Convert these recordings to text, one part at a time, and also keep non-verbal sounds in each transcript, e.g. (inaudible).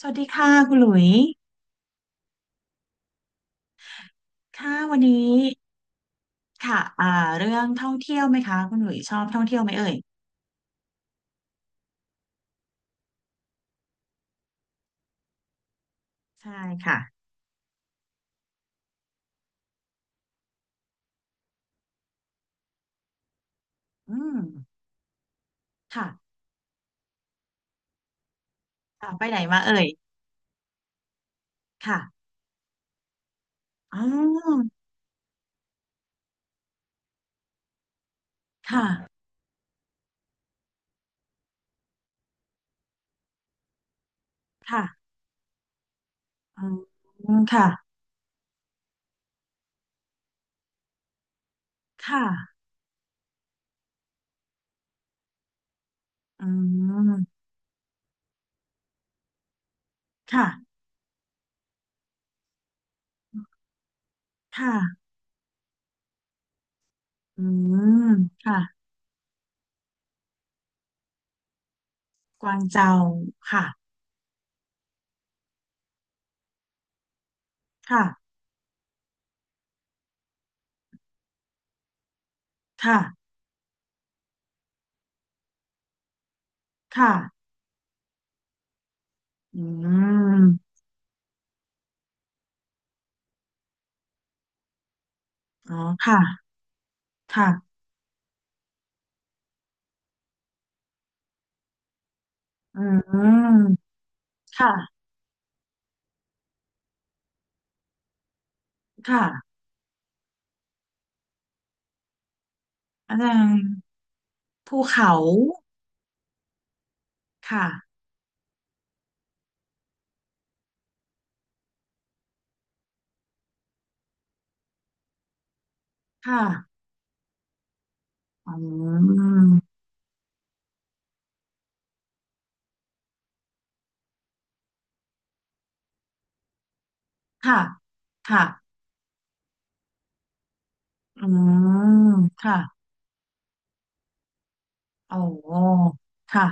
สวัสดีค่ะคุณหลุย ค่ะวันนี้ค่ะเรื่องท่องเที่ยวไหมคะคุณหลุยชอบท่องเที่ยวไหมเอ่ยใช่ค่ะอืมค่ะอ่าไปไหนมาเอ่ยค่ะอ๋อค่ะค่ะอืมค่ะค่ะอืมค่ะค่ะอืมค่ะกวางเจาค่ะค่ะค่ะค่ะอืมอ๋อค่ะค่ะอืมค่ะค่ะอาจารย์ ภูเขาค่ะค่ะอืมค่ะค่ะอืมค่ะโอ้ค่ะ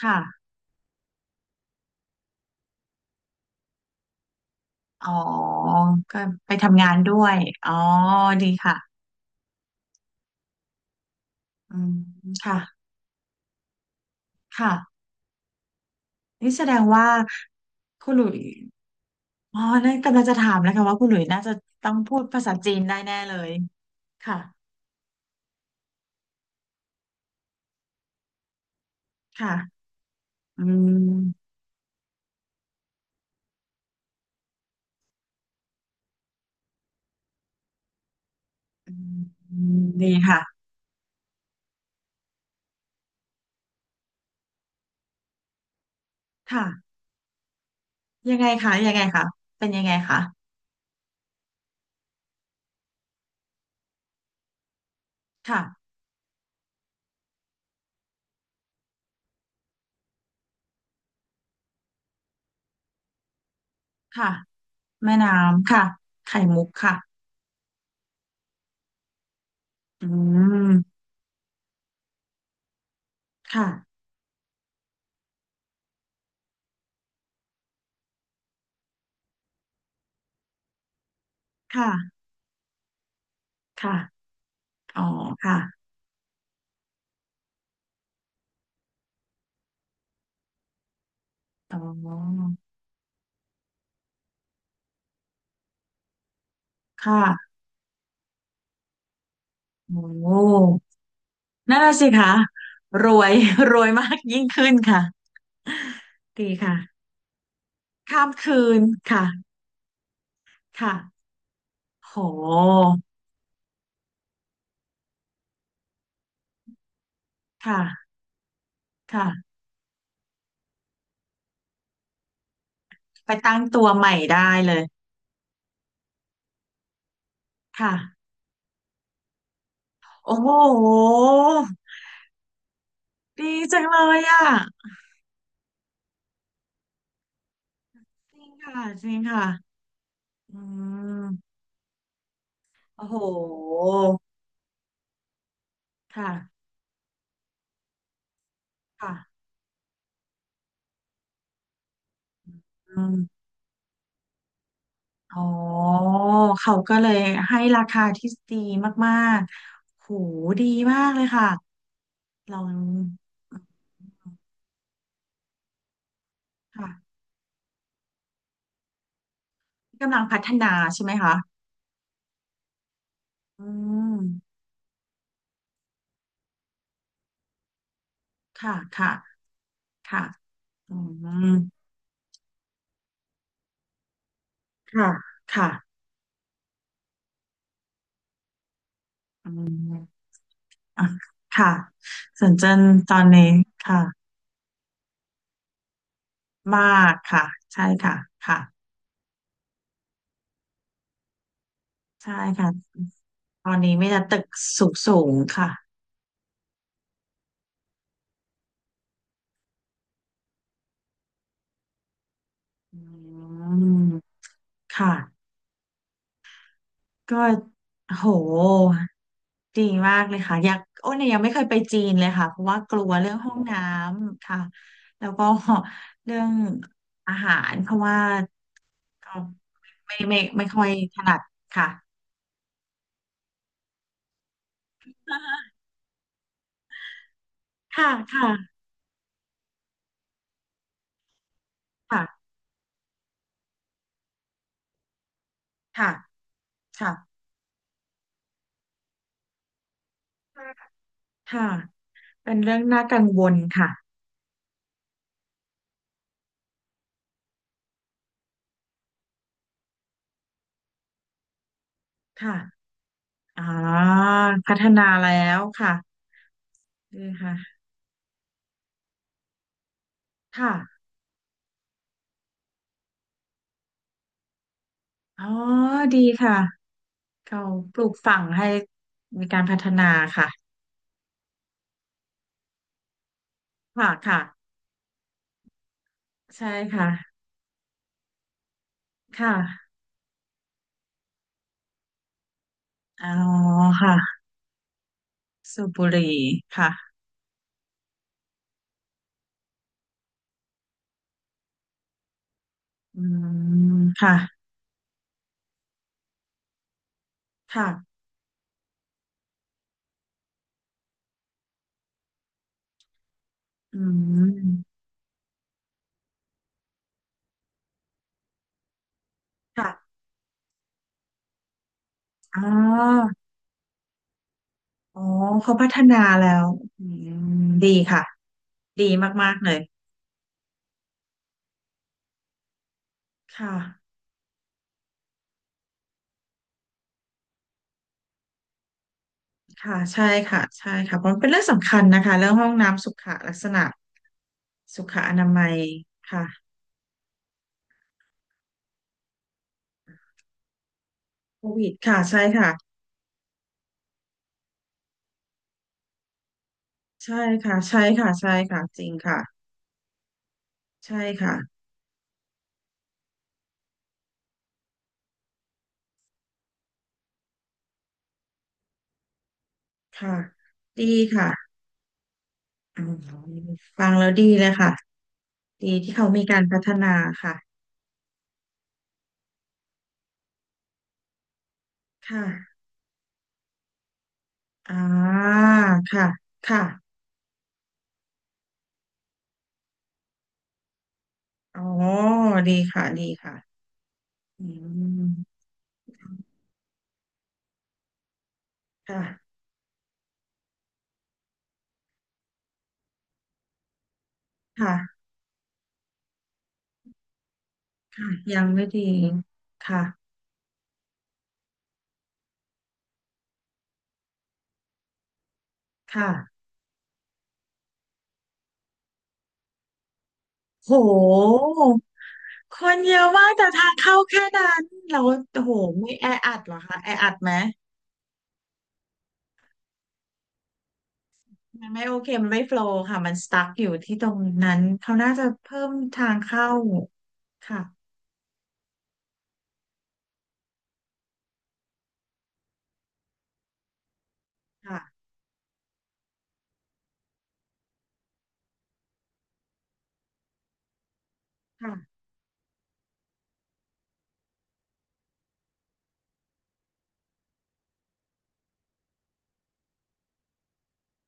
ค่ะอ๋อก็ไปทำงานด้วยอ๋อดีค่ะอืมค่ะค่ะนี่แสดงว่าคุณหลุยอ๋อนั่นกำลังจะถามแล้วค่ะว่าคุณหลุยน่าจะต้องพูดภาษาจีนได้แน่เลยค่ะค่ะอืมอืมดีค่ะค่ะยังไงคะยังไงคะเป็นยังไงคะ ค่ะค่ะแม่น้ำ ค่ะไข่มุกค่ะอืมค่ะค่ะค่ะอ๋อค่ะอ๋อค่ะโอ้นั่นน่ะสิคะรวย (laughs) รวยมากยิ่งขึ้นค่ะ ดีค่ะ ข้ามคืน ค่ะ ค่ะโห ค่ะ ค่ะ ไปตั้งตัวใหม่ได้เลย ค่ะ โอ้โหดีจังเลยอ่ะจริงค่ะ จริงค่ะอืมโอ้โห ค่ะค่ะอืมอ๋อเขาก็เลยให้ราคาที่ดีมากๆโหดีมากเลยค่ะเราค่ะ กำลังพัฒนาใช่ไหมคะอืมค่ะ ค่ะ ค่ะอืมค่ะ ค่ะอืมอ่ะค่ะสวนเจนตอนนี้ค่ะ มากค่ะ ใช่ค่ะ ค่ะใช่ค่ะตอนนี้ไมแต่ได้ตึกสูงสูงค่ะ อืม ค่ะ ก็โหดีมากเลยค่ะอยากโอ้เนี่ยยังไม่เคยไปจีนเลยค่ะเพราะว่ากลัวเรื่องห้องน้ำค่ะแล้วก็เรื่องอาหารเพราะว่าก็ไม่ค่อยถนัดค่ะค่ะค่ะค่ะค่ะค่ะค่ะเป็นเรื่องน่ากังวลค่ะค่ะอ่าพัฒนาแล้วค่ะดีค่ะค่ะอ๋อดีค่ะ เขาปลูกฝังให้มีการพัฒนาค่ะค่ะค่ะใช่ค่ะค่ะอ๋อค่ะสูบบุหรี่ค่ะอืมค่ะค่ะอืมค่ะอ๋ออ๋อเขาพัฒนาแล้วอืมดีค่ะดีมากๆเลยค่ะค่ะใช่ค่ะใช่ค่ะเพราะมันเป็นเรื่องสำคัญนะคะ เรื่องห้องน้ำสุขลักษณะสุขอนามัยค่ะโควิดค่ะใช่ค่ะ ใช่ค่ะใช่ค่ะใช่ค่ะจริงค่ะใช่ค่ะค่ะดีค่ะอืมฟังแล้วดีเลยค่ะดีที่เขามีการพัฒนาค่ะค่ะอ่าค่ะค่ะอ๋อดีค่ะดีค่ะอืมค่ะค่ะค่ะยังไม่ดีค่ะค่ะโหคนเยอะมากแต่ทางเข้าแค่นั้นเราโหไม่แออัดเหรอคะแออัดไหม มันไม่โอเคมันไม่โฟลว์ค่ะมันสตั๊กอยู่ที่ตรงนั้นเขาน่าจะเพิ่มทางเข้าค่ะค่ะค่ะ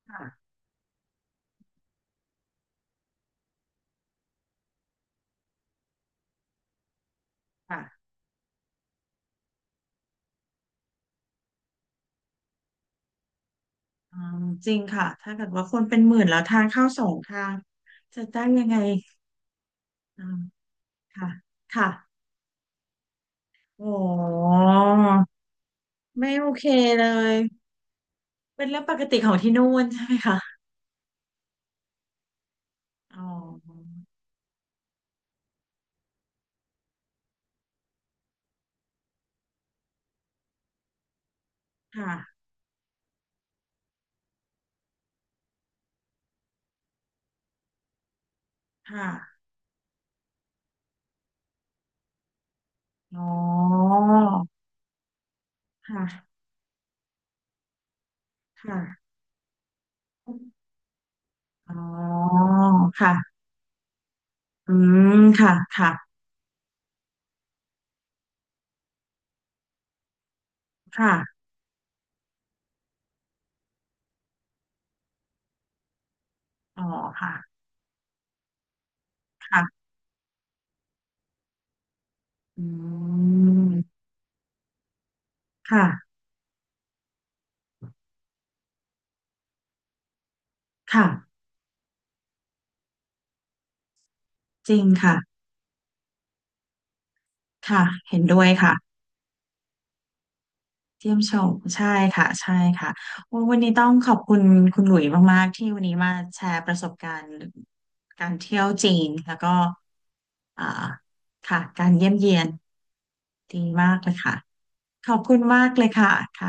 ค่ะค่ะอืมจริงค่ะถ้าเกิดว่าคนเป็นหมื่นแล้วทางเข้าสองทางจะได้ยังไงอืมค่ะค่ะโอ้ไม่โอเคเลยเป็นเรื่องปกติของที่นู่นใช่ไหมคะอ๋อค่ะค่ะอ๋อค่ะค่ะอ๋อค่ะอืมค่ะค่ะ ค่ะอ๋อค่ะค่ะอืมค่ะ ค่ะ จริงค่ะค่ะเห็นด้วยค่ะ เยี่ยมชมใช่ค่ะใช่ค่ะโอ้วันนี้ต้องขอบคุณคุณหลุยมาก ๆ ที่วันนี้มาแชร์ประสบการณ์การเที่ยวจีน แล้วก็อ่าค่ะการเยี่ยมเยียน ดีมากเลยค่ะ ขอบคุณมากเลยค่ะค่ะ